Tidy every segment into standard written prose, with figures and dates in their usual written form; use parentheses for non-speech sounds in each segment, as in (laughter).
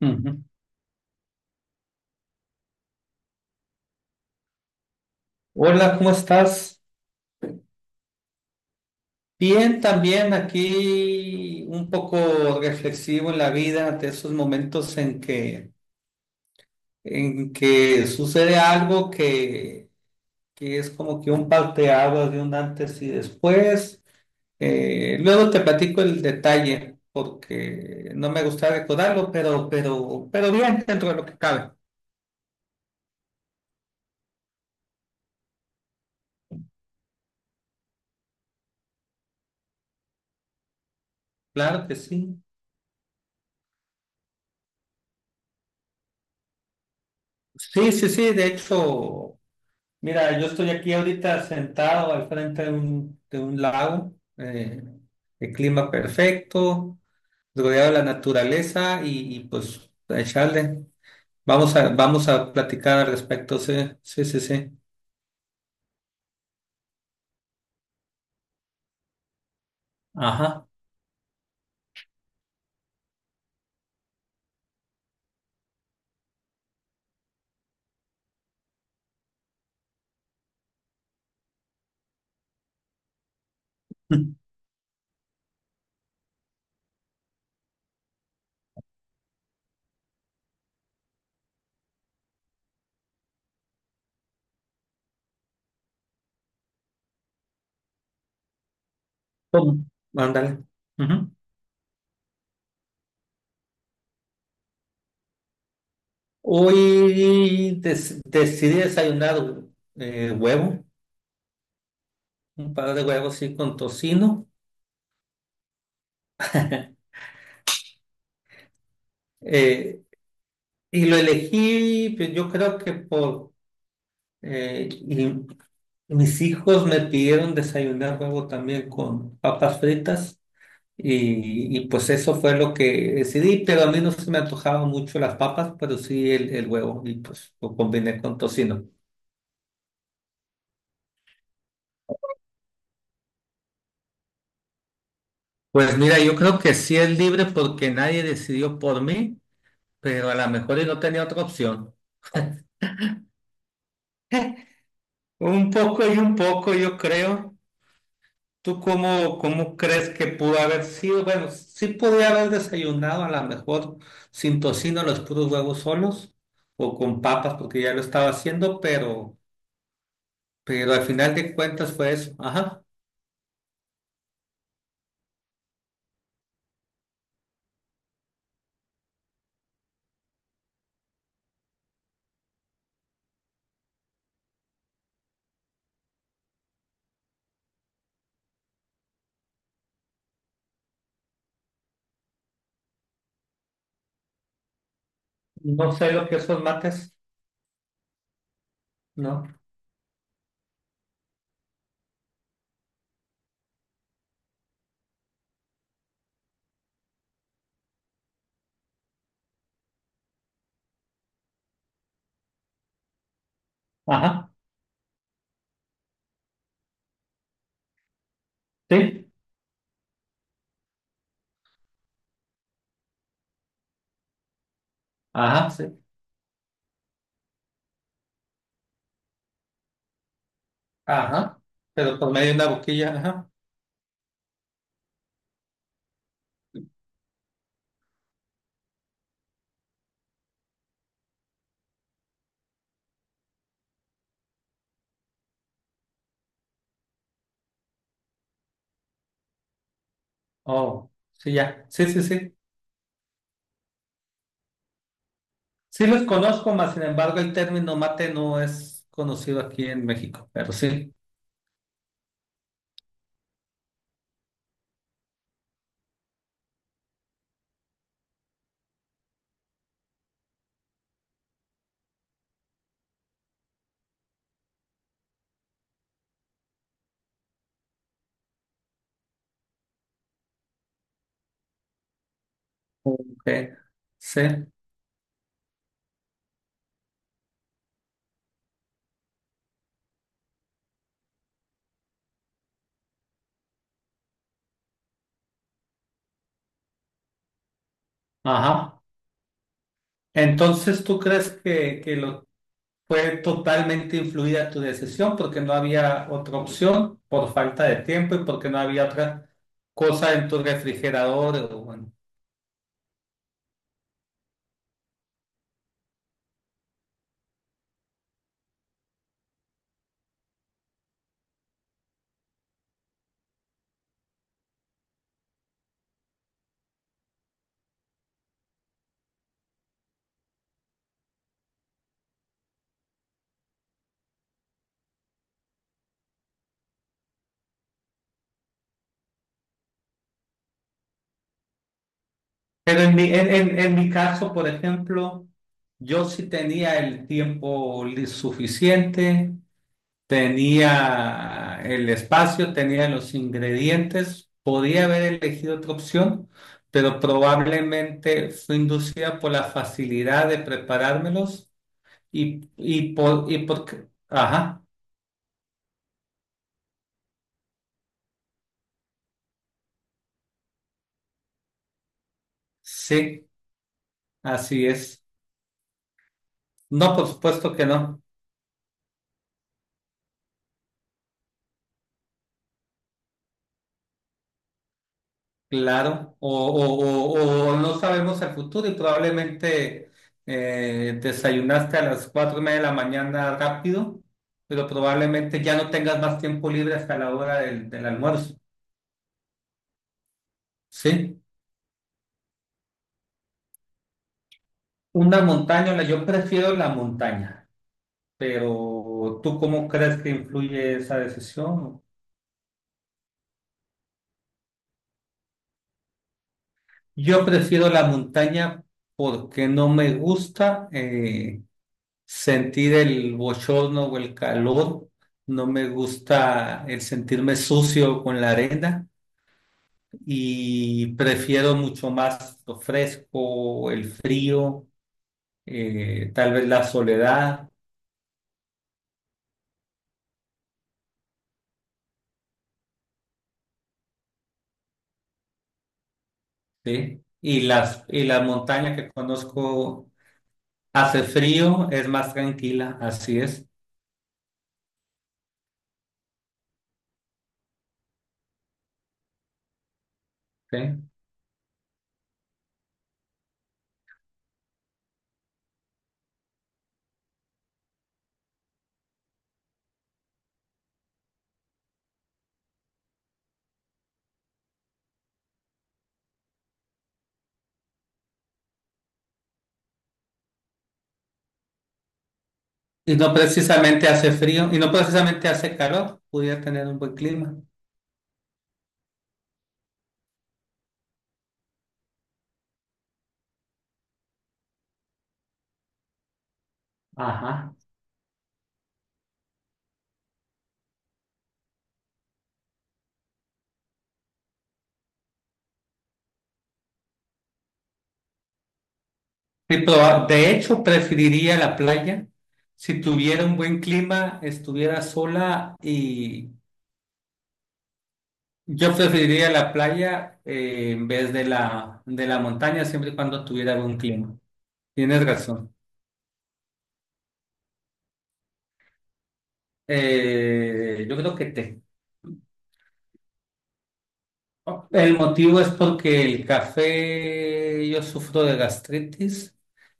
Ujú. Hola, ¿cómo estás? Bien, también aquí un poco reflexivo en la vida ante esos momentos en que sucede algo que es como que un parteaguas de un antes y después. Luego te platico el detalle porque no me gusta recordarlo, pero bien dentro de lo que cabe. Claro que sí. Sí, sí, sí, de hecho. Mira, yo estoy aquí ahorita sentado al frente de un lago, el clima perfecto, rodeado de la naturaleza y, pues a echarle. Vamos a platicar al respecto, sí, sí, sí, sí. Ajá. ¿Cómo? Ándale. Ujú. Decidí desayunar huevo, un par de huevos sí con tocino. (laughs) Eh, y lo elegí, pues, yo creo que por Eh, y mis hijos me pidieron desayunar huevo también con papas fritas y pues eso fue lo que decidí, pero a mí no se me antojaban mucho las papas, pero sí el huevo y pues lo combiné con tocino. Pues mira, yo creo que sí es libre porque nadie decidió por mí, pero a lo mejor y no tenía otra opción. Un poco y un poco, yo creo. ¿Tú cómo crees que pudo haber sido? Bueno, sí podía haber desayunado a lo mejor sin tocino los puros huevos solos o con papas porque ya lo estaba haciendo, pero al final de cuentas fue eso. Ajá. No sé lo que son mates, ¿no? Ajá. Sí. Ajá, sí. Ajá. Pero por medio de una boquilla, ajá. Oh, sí, ya. Sí, sí, sí. Sí los conozco, mas sin embargo el término mate no es conocido aquí en México, pero sí. Ok. Sí. Ajá. Entonces, ¿tú crees que fue totalmente influida tu decisión porque no había otra opción por falta de tiempo y porque no había otra cosa en tu refrigerador? O bueno. Pero en mi caso, por ejemplo, yo sí tenía el tiempo suficiente, tenía el espacio, tenía los ingredientes, podía haber elegido otra opción, pero probablemente fue inducida por la facilidad de preparármelos ajá, sí, así es. No, por supuesto que no. Claro, o no sabemos el futuro y probablemente desayunaste a las 4:30 de la mañana rápido, pero probablemente ya no tengas más tiempo libre hasta la hora del, del almuerzo, ¿sí? Una montaña, yo prefiero la montaña, pero ¿tú cómo crees que influye esa decisión? Yo prefiero la montaña porque no me gusta. Sentir el bochorno o el calor, no me gusta el sentirme sucio con la arena y prefiero mucho más lo fresco, el frío, tal vez la soledad, ¿sí? Y las montañas que conozco hace frío, es más tranquila, así es, ¿sí? Y no precisamente hace frío, y no precisamente hace calor, pudiera tener un buen clima. Ajá. Sí, de hecho, preferiría la playa. Si tuviera un buen clima, estuviera sola y yo preferiría la playa en vez de la montaña, siempre y cuando tuviera buen clima. Tienes razón. Yo creo que té. El motivo es porque el café, yo sufro de gastritis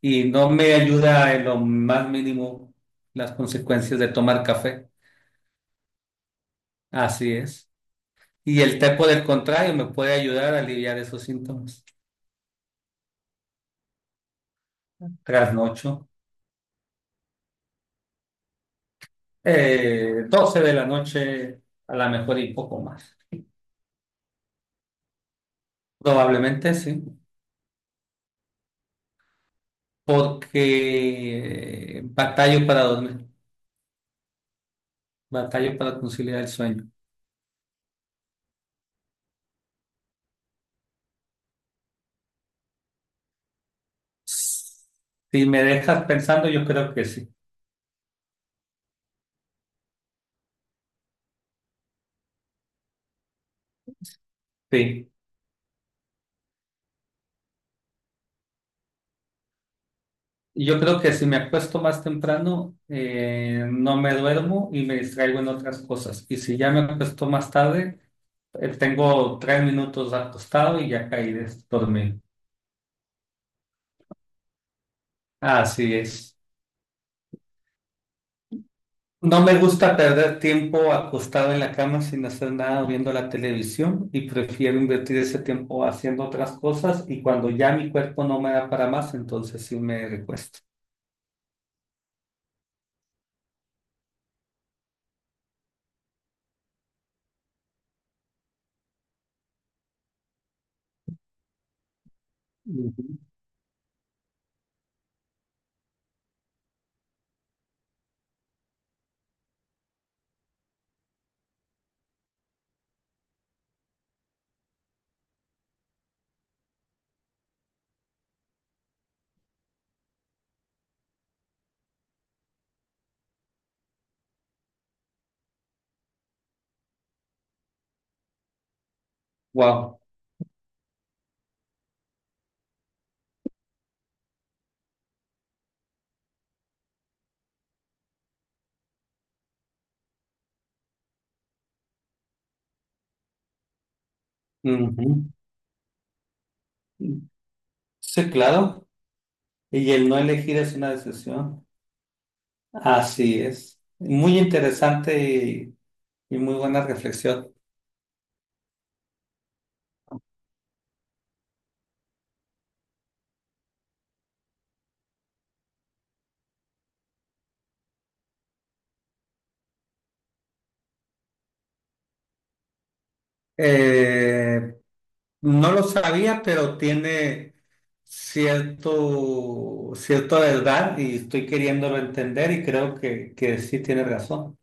y no me ayuda en lo más mínimo las consecuencias de tomar café. Así es. Y el té, por el contrario, me puede ayudar a aliviar esos síntomas. Trasnocho, 12 de la noche, a lo mejor y poco más. Probablemente sí, porque batallo para dormir, batallo para conciliar el sueño. Si me dejas pensando, yo creo que sí. Sí. Y yo creo que si me acuesto más temprano, no me duermo y me distraigo en otras cosas. Y si ya me acuesto más tarde, tengo 3 minutos acostado y ya caí de dormir. Así es. No me gusta perder tiempo acostado en la cama sin hacer nada o viendo la televisión y prefiero invertir ese tiempo haciendo otras cosas y cuando ya mi cuerpo no me da para más, entonces sí me recuesto. Wow. Sí, claro. Y el no elegir es una decisión. Así es. Muy interesante y muy buena reflexión. Eh, No lo sabía, pero tiene cierta verdad y estoy queriéndolo entender y creo que sí tiene razón.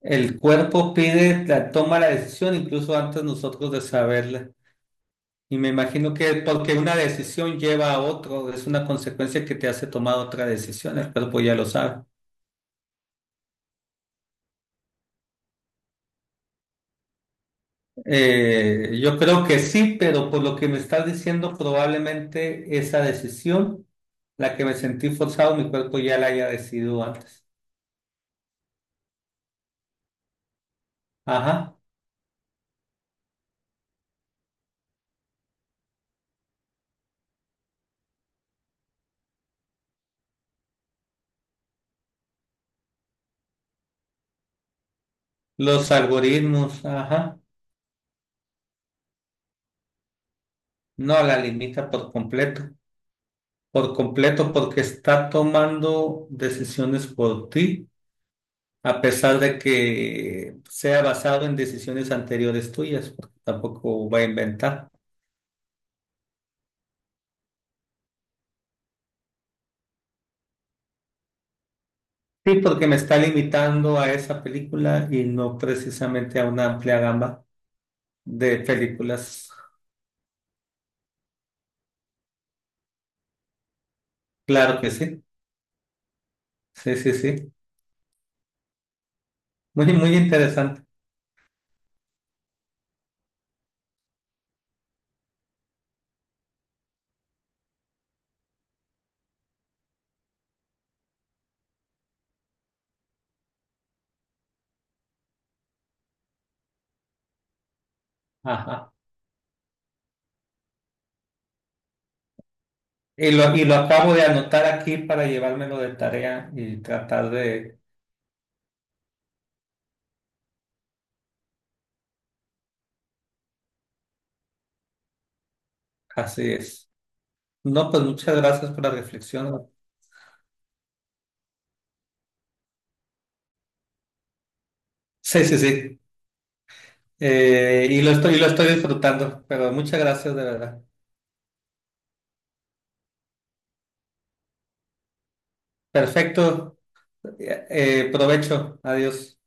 El cuerpo pide, la, toma la decisión incluso antes nosotros de saberla. Y me imagino que porque una decisión lleva a otro, es una consecuencia que te hace tomar otra decisión, el cuerpo ya lo sabe. Yo creo que sí, pero por lo que me estás diciendo, probablemente esa decisión, la que me sentí forzado, mi cuerpo ya la haya decidido antes. Ajá. Los algoritmos, ajá. No la limita por completo. Por completo, porque está tomando decisiones por ti, a pesar de que sea basado en decisiones anteriores tuyas, porque tampoco va a inventar. Sí, porque me está limitando a esa película y no precisamente a una amplia gama de películas. Claro que sí, sí, sí, sí. Muy, muy interesante. Ajá. Y lo acabo de anotar aquí para llevármelo de tarea y tratar de... Así es. No, pues muchas gracias por la reflexión. Sí, sí, sí. Y lo estoy, y lo estoy disfrutando, pero muchas gracias de verdad. Perfecto. Provecho. Adiós.